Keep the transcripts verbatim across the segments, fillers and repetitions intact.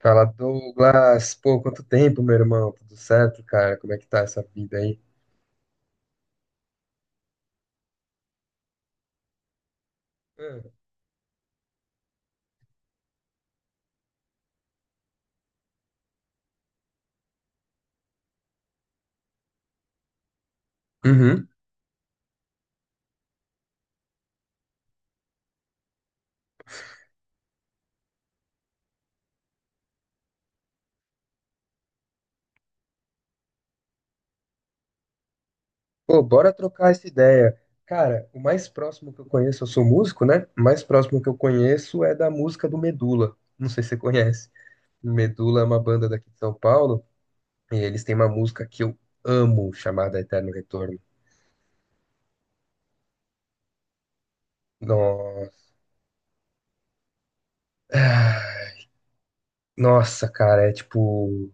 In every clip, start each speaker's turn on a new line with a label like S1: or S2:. S1: Fala, Douglas. Pô, quanto tempo, meu irmão? Tudo certo, cara? Como é que tá essa vida aí? Hum. Uhum. Pô, bora trocar essa ideia. Cara, o mais próximo que eu conheço, eu sou músico, né? O mais próximo que eu conheço é da música do Medula. Não sei se você conhece. Medula é uma banda daqui de São Paulo e eles têm uma música que eu amo, chamada Eterno Retorno. Nossa. Ah, Nossa, cara, é tipo.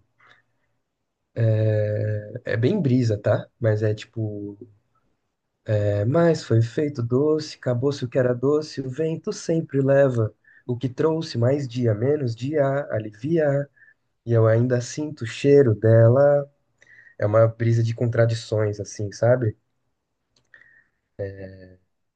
S1: É bem brisa, tá? Mas é tipo. Mas foi feito doce, acabou-se o que era doce, o vento sempre leva. O que trouxe mais dia, menos dia, alivia. E eu ainda sinto o cheiro dela. É uma brisa de contradições, assim, sabe?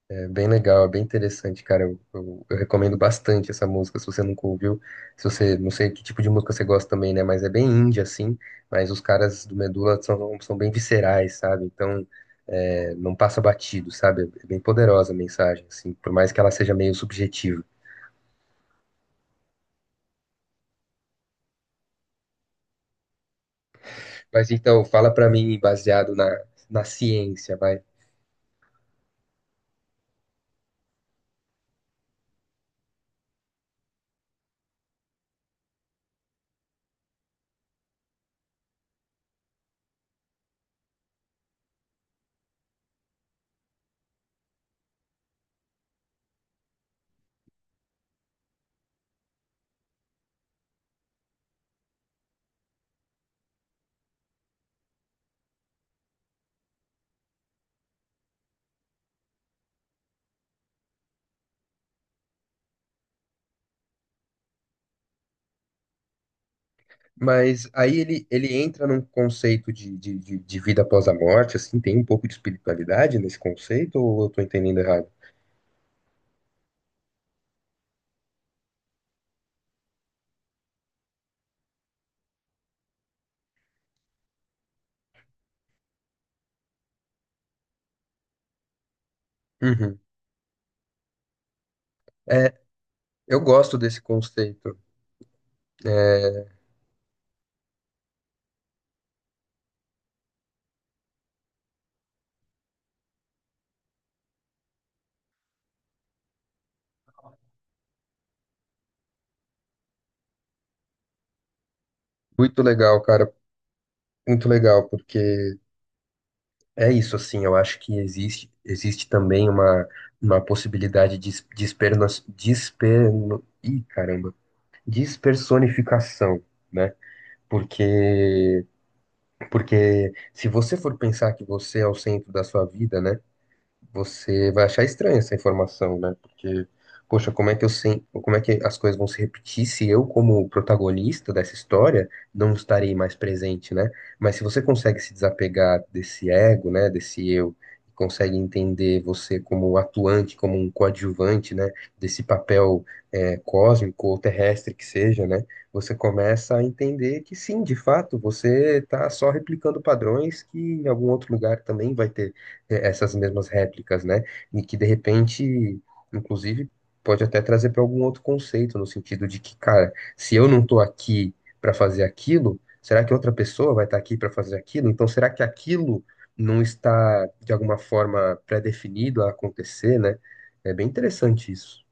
S1: É bem legal, é bem interessante, cara. Eu, eu- eu recomendo bastante essa música, se você nunca ouviu. Se você, não sei que tipo de música você gosta também, né? Mas é bem indie, assim. Mas os caras do Medula são, são bem viscerais, sabe? Então, é, não passa batido, sabe? É bem poderosa a mensagem, assim, por mais que ela seja meio subjetiva. Mas então, fala pra mim, baseado na, na ciência, vai. Mas aí ele, ele entra num conceito de, de, de, de vida após a morte, assim, tem um pouco de espiritualidade nesse conceito, ou eu tô entendendo errado? Uhum. É, eu gosto desse conceito. É muito legal, cara. Muito legal, porque é isso, assim. Eu acho que existe, existe também uma, uma possibilidade de, de esperno, desperno, ih, caramba, despersonificação, né? Porque, porque se você for pensar que você é o centro da sua vida, né? Você vai achar estranha essa informação, né? Porque, poxa, como é que eu sei, como é que as coisas vão se repetir se eu, como protagonista dessa história, não estarei mais presente, né? Mas se você consegue se desapegar desse ego, né, desse eu, consegue entender você como atuante, como um coadjuvante, né, desse papel é, cósmico ou terrestre que seja, né, você começa a entender que sim, de fato, você está só replicando padrões que em algum outro lugar também vai ter essas mesmas réplicas, né? E que de repente, inclusive, pode até trazer para algum outro conceito, no sentido de que, cara, se eu não tô aqui para fazer aquilo, será que outra pessoa vai estar aqui para fazer aquilo? Então, será que aquilo não está de alguma forma pré-definido a acontecer, né? É bem interessante isso.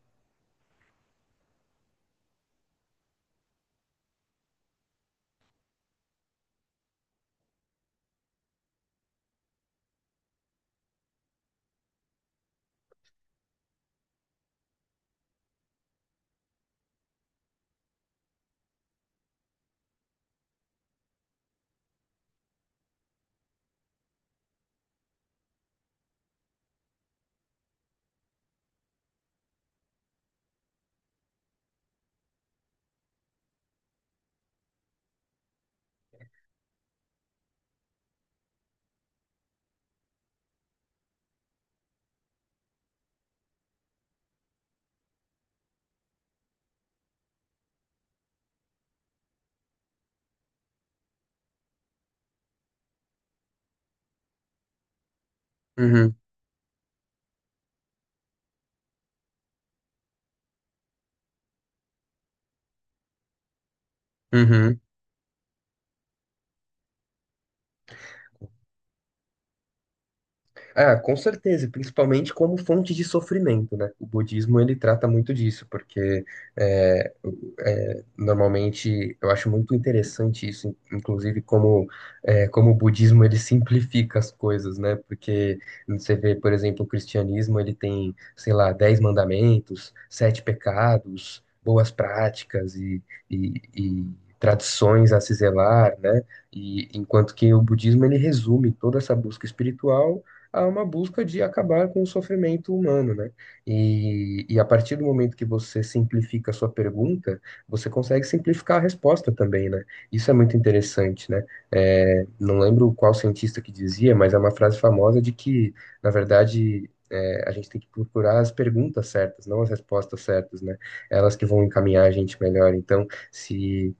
S1: Uhum, uhum. Ah, com certeza, principalmente como fonte de sofrimento, né? O budismo ele trata muito disso, porque é, o- é, normalmente eu acho muito interessante isso, in- inclusive como é, como o budismo ele simplifica as coisas, né? Porque você vê, por exemplo, o cristianismo ele tem, sei lá, dez mandamentos, sete pecados, boas práticas e, e, e tradições a se zelar, né? E enquanto que o budismo ele resume toda essa busca espiritual a uma busca de acabar com o sofrimento humano, né? E, e a partir do momento que você simplifica a sua pergunta, você consegue simplificar a resposta também, né? Isso é muito interessante, né? É, não lembro qual cientista que dizia, mas é uma frase famosa de que, na verdade, é, a gente tem que procurar as perguntas certas, não as respostas certas, né? Elas que vão encaminhar a gente melhor. Então, se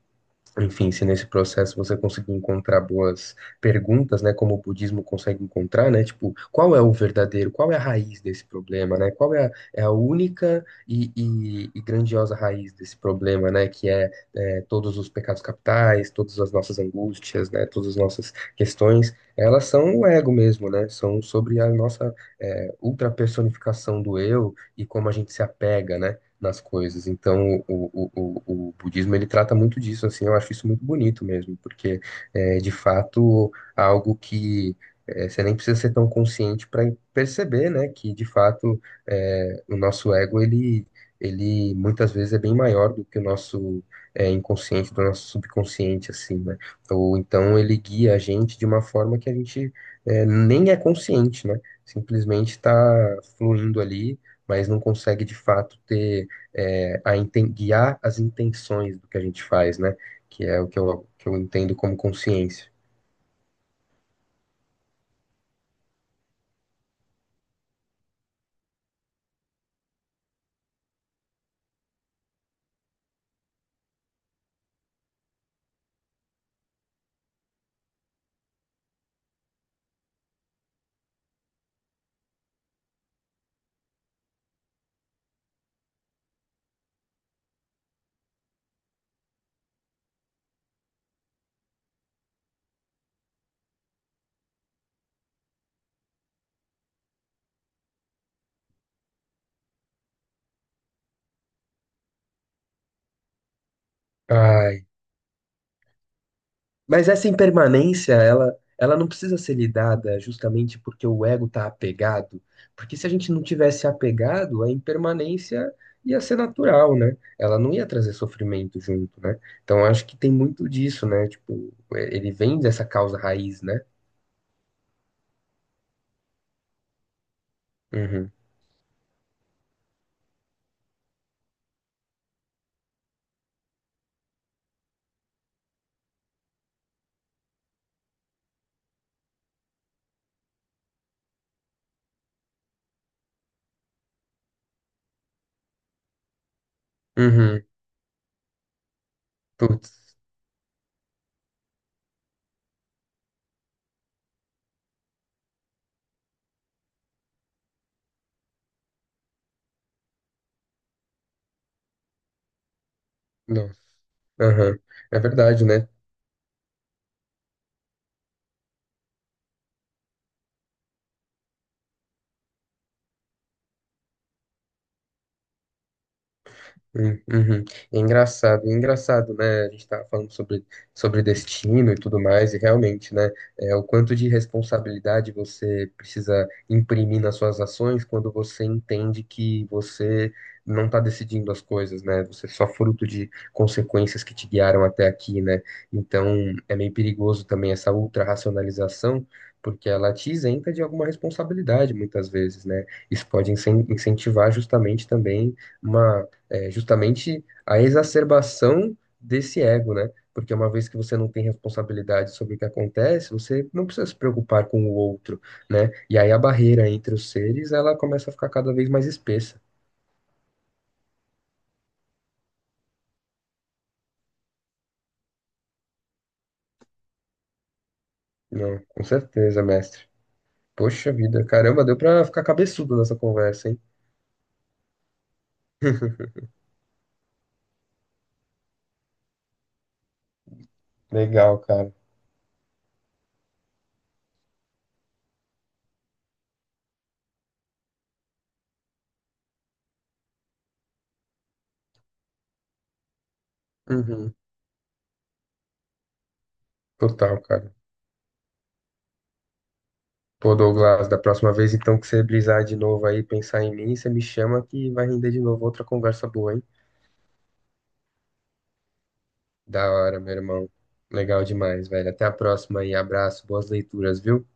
S1: enfim, se nesse processo você conseguir encontrar boas perguntas, né, como o budismo consegue encontrar, né, tipo, qual é o verdadeiro, qual é a raiz desse problema, né, qual é a, é a única e, e- e grandiosa raiz desse problema, né, que é, é, todos os pecados capitais, todas as nossas angústias, né, todas as nossas questões, elas são o ego mesmo, né, são sobre a nossa é, ultrapersonificação do eu e como a gente se apega, né, nas coisas. Então, o, o, o, o budismo ele trata muito disso, assim, eu acho isso muito bonito mesmo, porque é de fato algo que é, você nem precisa ser tão consciente para perceber, né, que de fato é, o nosso ego ele ele muitas vezes é bem maior do que o nosso é, inconsciente, do nosso subconsciente, assim, né? Ou então ele guia a gente de uma forma que a gente é, nem é consciente, né? Simplesmente está fluindo ali, mas não consegue de fato ter é, a inten- guiar as intenções do que a gente faz, né? Que é o que eu, que eu entendo como consciência. Ai. Mas essa impermanência, ela, ela não precisa ser lidada justamente porque o ego está apegado. Porque se a gente não tivesse apegado, a impermanência ia ser natural, né? Ela não ia trazer sofrimento junto, né? Então eu acho que tem muito disso, né? Tipo, é, ele vem dessa causa raiz, né? Uhum. Uhum. Putz. Nossa. Aham. É verdade, né? Hum, uhum. É engraçado, é engraçado, né? A gente tá falando sobre, sobre destino e tudo mais, e realmente, né? É, o quanto de responsabilidade você precisa imprimir nas suas ações quando você entende que você não está decidindo as coisas, né? Você é só fruto de consequências que te guiaram até aqui, né? Então, é meio perigoso também essa ultra-racionalização, porque ela te isenta de alguma responsabilidade muitas vezes, né? Isso pode incen- incentivar justamente também uma é justamente a exacerbação desse ego, né? Porque uma vez que você não tem responsabilidade sobre o que acontece, você não precisa se preocupar com o outro, né? E aí a barreira entre os seres, ela começa a ficar cada vez mais espessa. Não, com certeza, mestre. Poxa vida, caramba, deu pra ficar cabeçudo nessa conversa, hein? Legal, cara. Uhum. Total, cara. Pô, Douglas, da próxima vez então que você brisar de novo aí, pensar em mim, você me chama que vai render de novo outra conversa boa, hein? Da hora, meu irmão. Legal demais, velho. Até a próxima aí. Abraço, boas leituras, viu?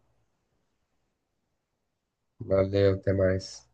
S1: Valeu, até mais.